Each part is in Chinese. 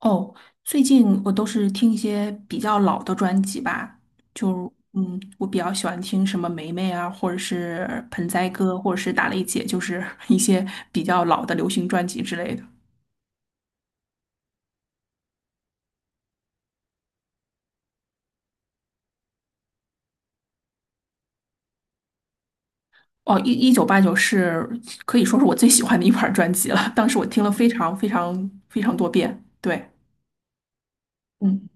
哦，最近我都是听一些比较老的专辑吧，我比较喜欢听什么梅梅啊，或者是盆栽哥，或者是打雷姐，就是 一些比较老的流行专辑之类的。哦，一九八九可以说是我最喜欢的一盘儿专辑了，当时我听了非常非常非常多遍。对，嗯，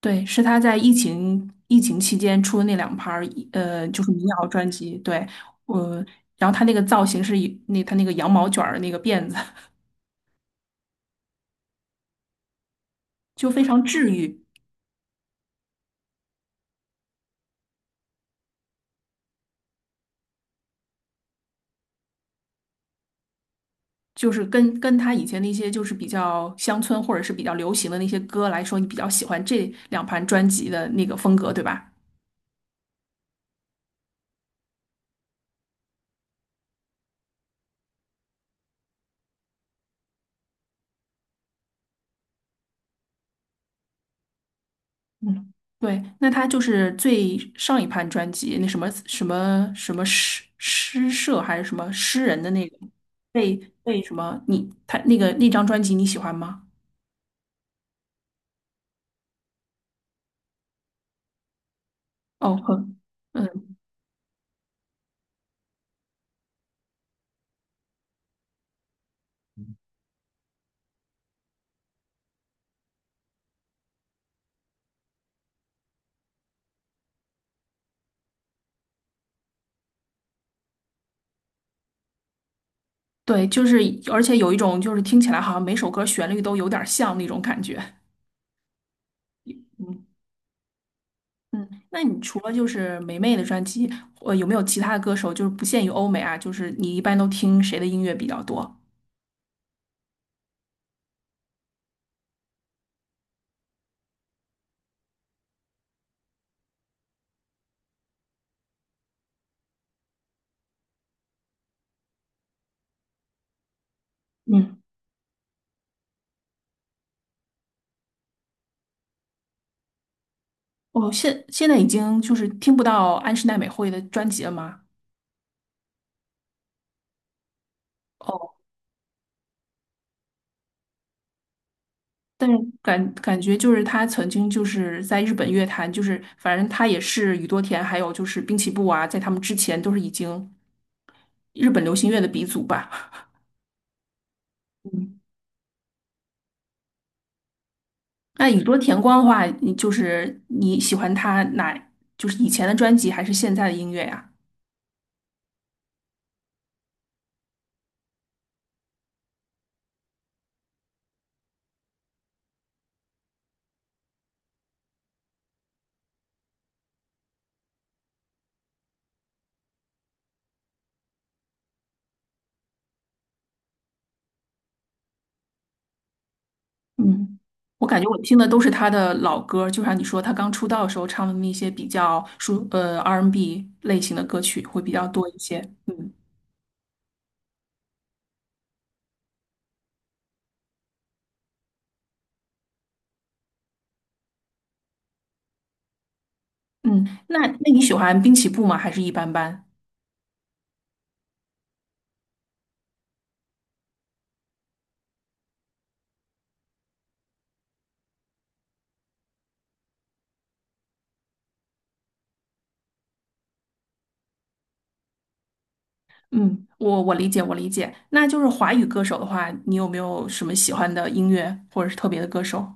对，是他在疫情期间出的那两盘儿，就是民谣专辑。对，我、然后他那个造型是以那他那个羊毛卷儿的那个辫子，就非常治愈，就是跟他以前那些就是比较乡村或者是比较流行的那些歌来说，你比较喜欢这两盘专辑的那个风格，对吧？嗯，对，那他就是最上一盘专辑那什么什么什么社还是什么诗人的那个被什么你他那个那张专辑你喜欢吗？哦，很。嗯，对，就是，而且有一种就是听起来好像每首歌旋律都有点像那种感觉。嗯。嗯，那你除了就是霉妹的专辑，呃，有没有其他的歌手，就是不限于欧美啊，就是你一般都听谁的音乐比较多？嗯，哦，现在已经就是听不到安室奈美惠的专辑了吗？哦，但是感觉就是她曾经就是在日本乐坛，就是反正她也是宇多田，还有就是滨崎步啊，在他们之前都是已经日本流行乐的鼻祖吧。嗯，那宇多田光的话，你就是你喜欢他哪，就是以前的专辑还是现在的音乐呀？嗯，我感觉我听的都是他的老歌，就像你说他刚出道的时候唱的那些比较R&B 类型的歌曲会比较多一些。嗯嗯，那你喜欢滨崎步吗？还是一般般？嗯，我理解我理解。那就是华语歌手的话，你有没有什么喜欢的音乐或者是特别的歌手？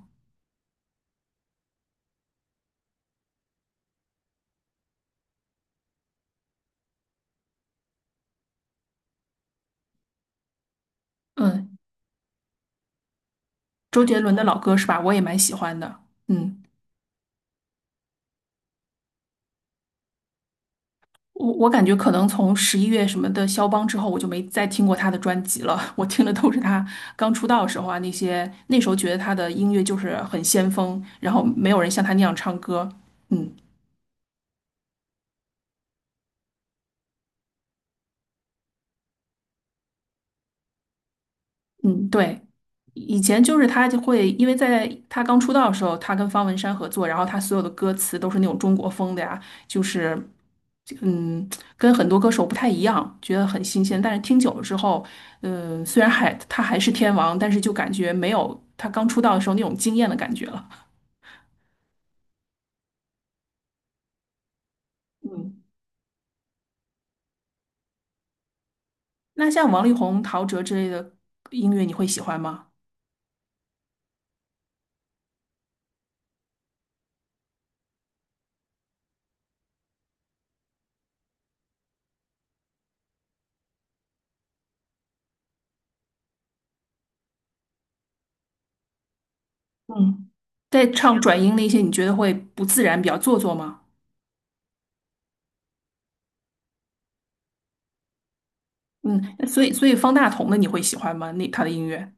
嗯，周杰伦的老歌是吧？我也蛮喜欢的。嗯。我我感觉可能从十一月什么的肖邦之后，我就没再听过他的专辑了。我听的都是他刚出道的时候啊，那些那时候觉得他的音乐就是很先锋，然后没有人像他那样唱歌。嗯嗯，对。以前就是他就会，因为在他刚出道的时候，他跟方文山合作，然后他所有的歌词都是那种中国风的呀，就是嗯，跟很多歌手不太一样，觉得很新鲜。但是听久了之后，嗯，虽然还他还是天王，但是就感觉没有他刚出道的时候那种惊艳的感觉了。嗯，那像王力宏、陶喆之类的音乐，你会喜欢吗？嗯，在唱转音那些，你觉得会不自然，比较做作吗？嗯，所以方大同的你会喜欢吗？那他的音乐？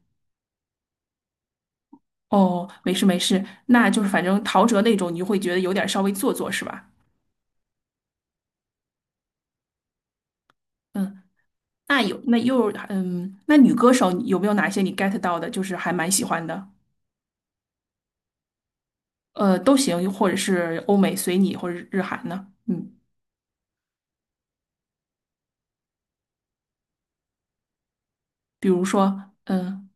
哦，没事没事，那就是反正陶喆那种，你就会觉得有点稍微做作是吧？嗯，那有那又嗯，那女歌手有没有哪些你 get 到的，就是还蛮喜欢的？呃，都行，或者是欧美随你，或者日韩呢？嗯，比如说嗯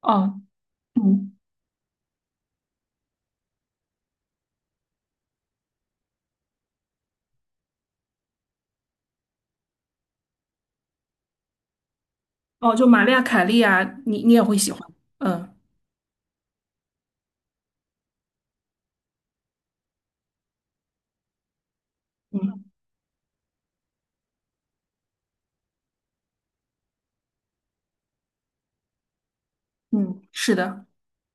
哦嗯哦，就玛丽亚凯莉啊，你你也会喜欢？嗯嗯嗯，是的。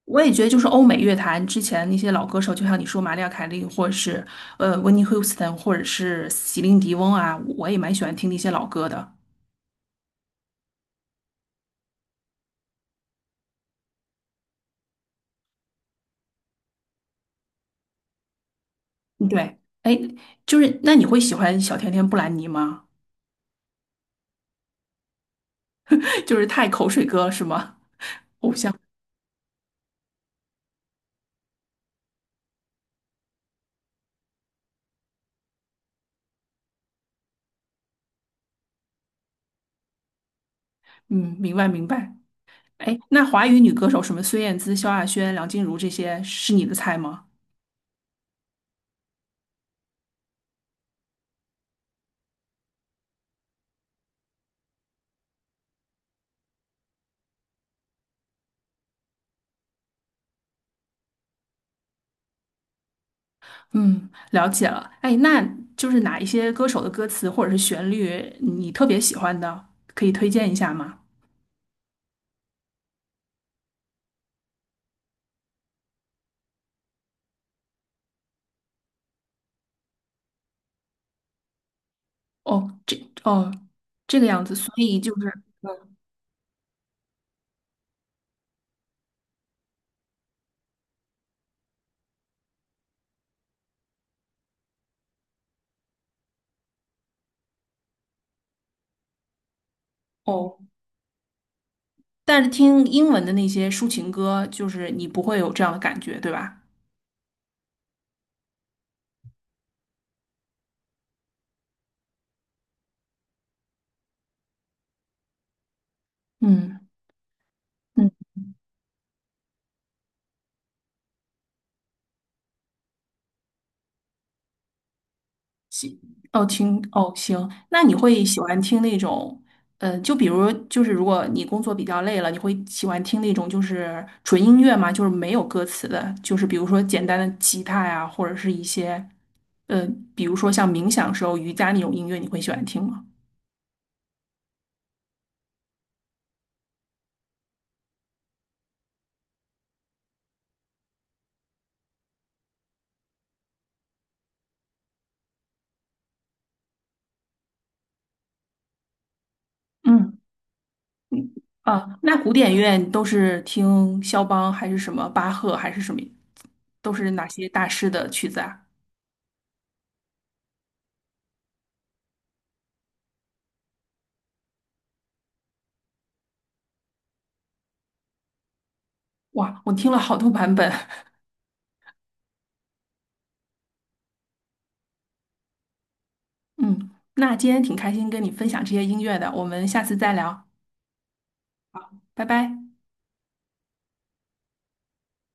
我也觉得，就是欧美乐坛之前那些老歌手，就像你说玛丽亚·凯莉，或者是呃温尼·休斯顿，或者是席琳迪翁啊，我也蛮喜欢听那些老歌的。嗯对，哎，就是那你会喜欢小甜甜布兰妮吗？就是太口水歌是吗？嗯，明白明白。哎，那华语女歌手什么孙燕姿、萧亚轩、梁静茹这些是你的菜吗？嗯，了解了。哎，那就是哪一些歌手的歌词或者是旋律你特别喜欢的，可以推荐一下吗？哦，这哦，这个样子，所以就是哦，但是听英文的那些抒情歌，就是你不会有这样的感觉，对吧？嗯嗯，哦，听哦，行，那你会喜欢听那种，呃，就比如就是如果你工作比较累了，你会喜欢听那种就是纯音乐吗？就是没有歌词的，就是比如说简单的吉他呀，或者是一些，呃，比如说像冥想时候瑜伽那种音乐，你会喜欢听吗？嗯。啊，那古典乐都是听肖邦还是什么巴赫还是什么，都是哪些大师的曲子啊？哇，我听了好多版本。嗯，那今天挺开心跟你分享这些音乐的，我们下次再聊，拜拜。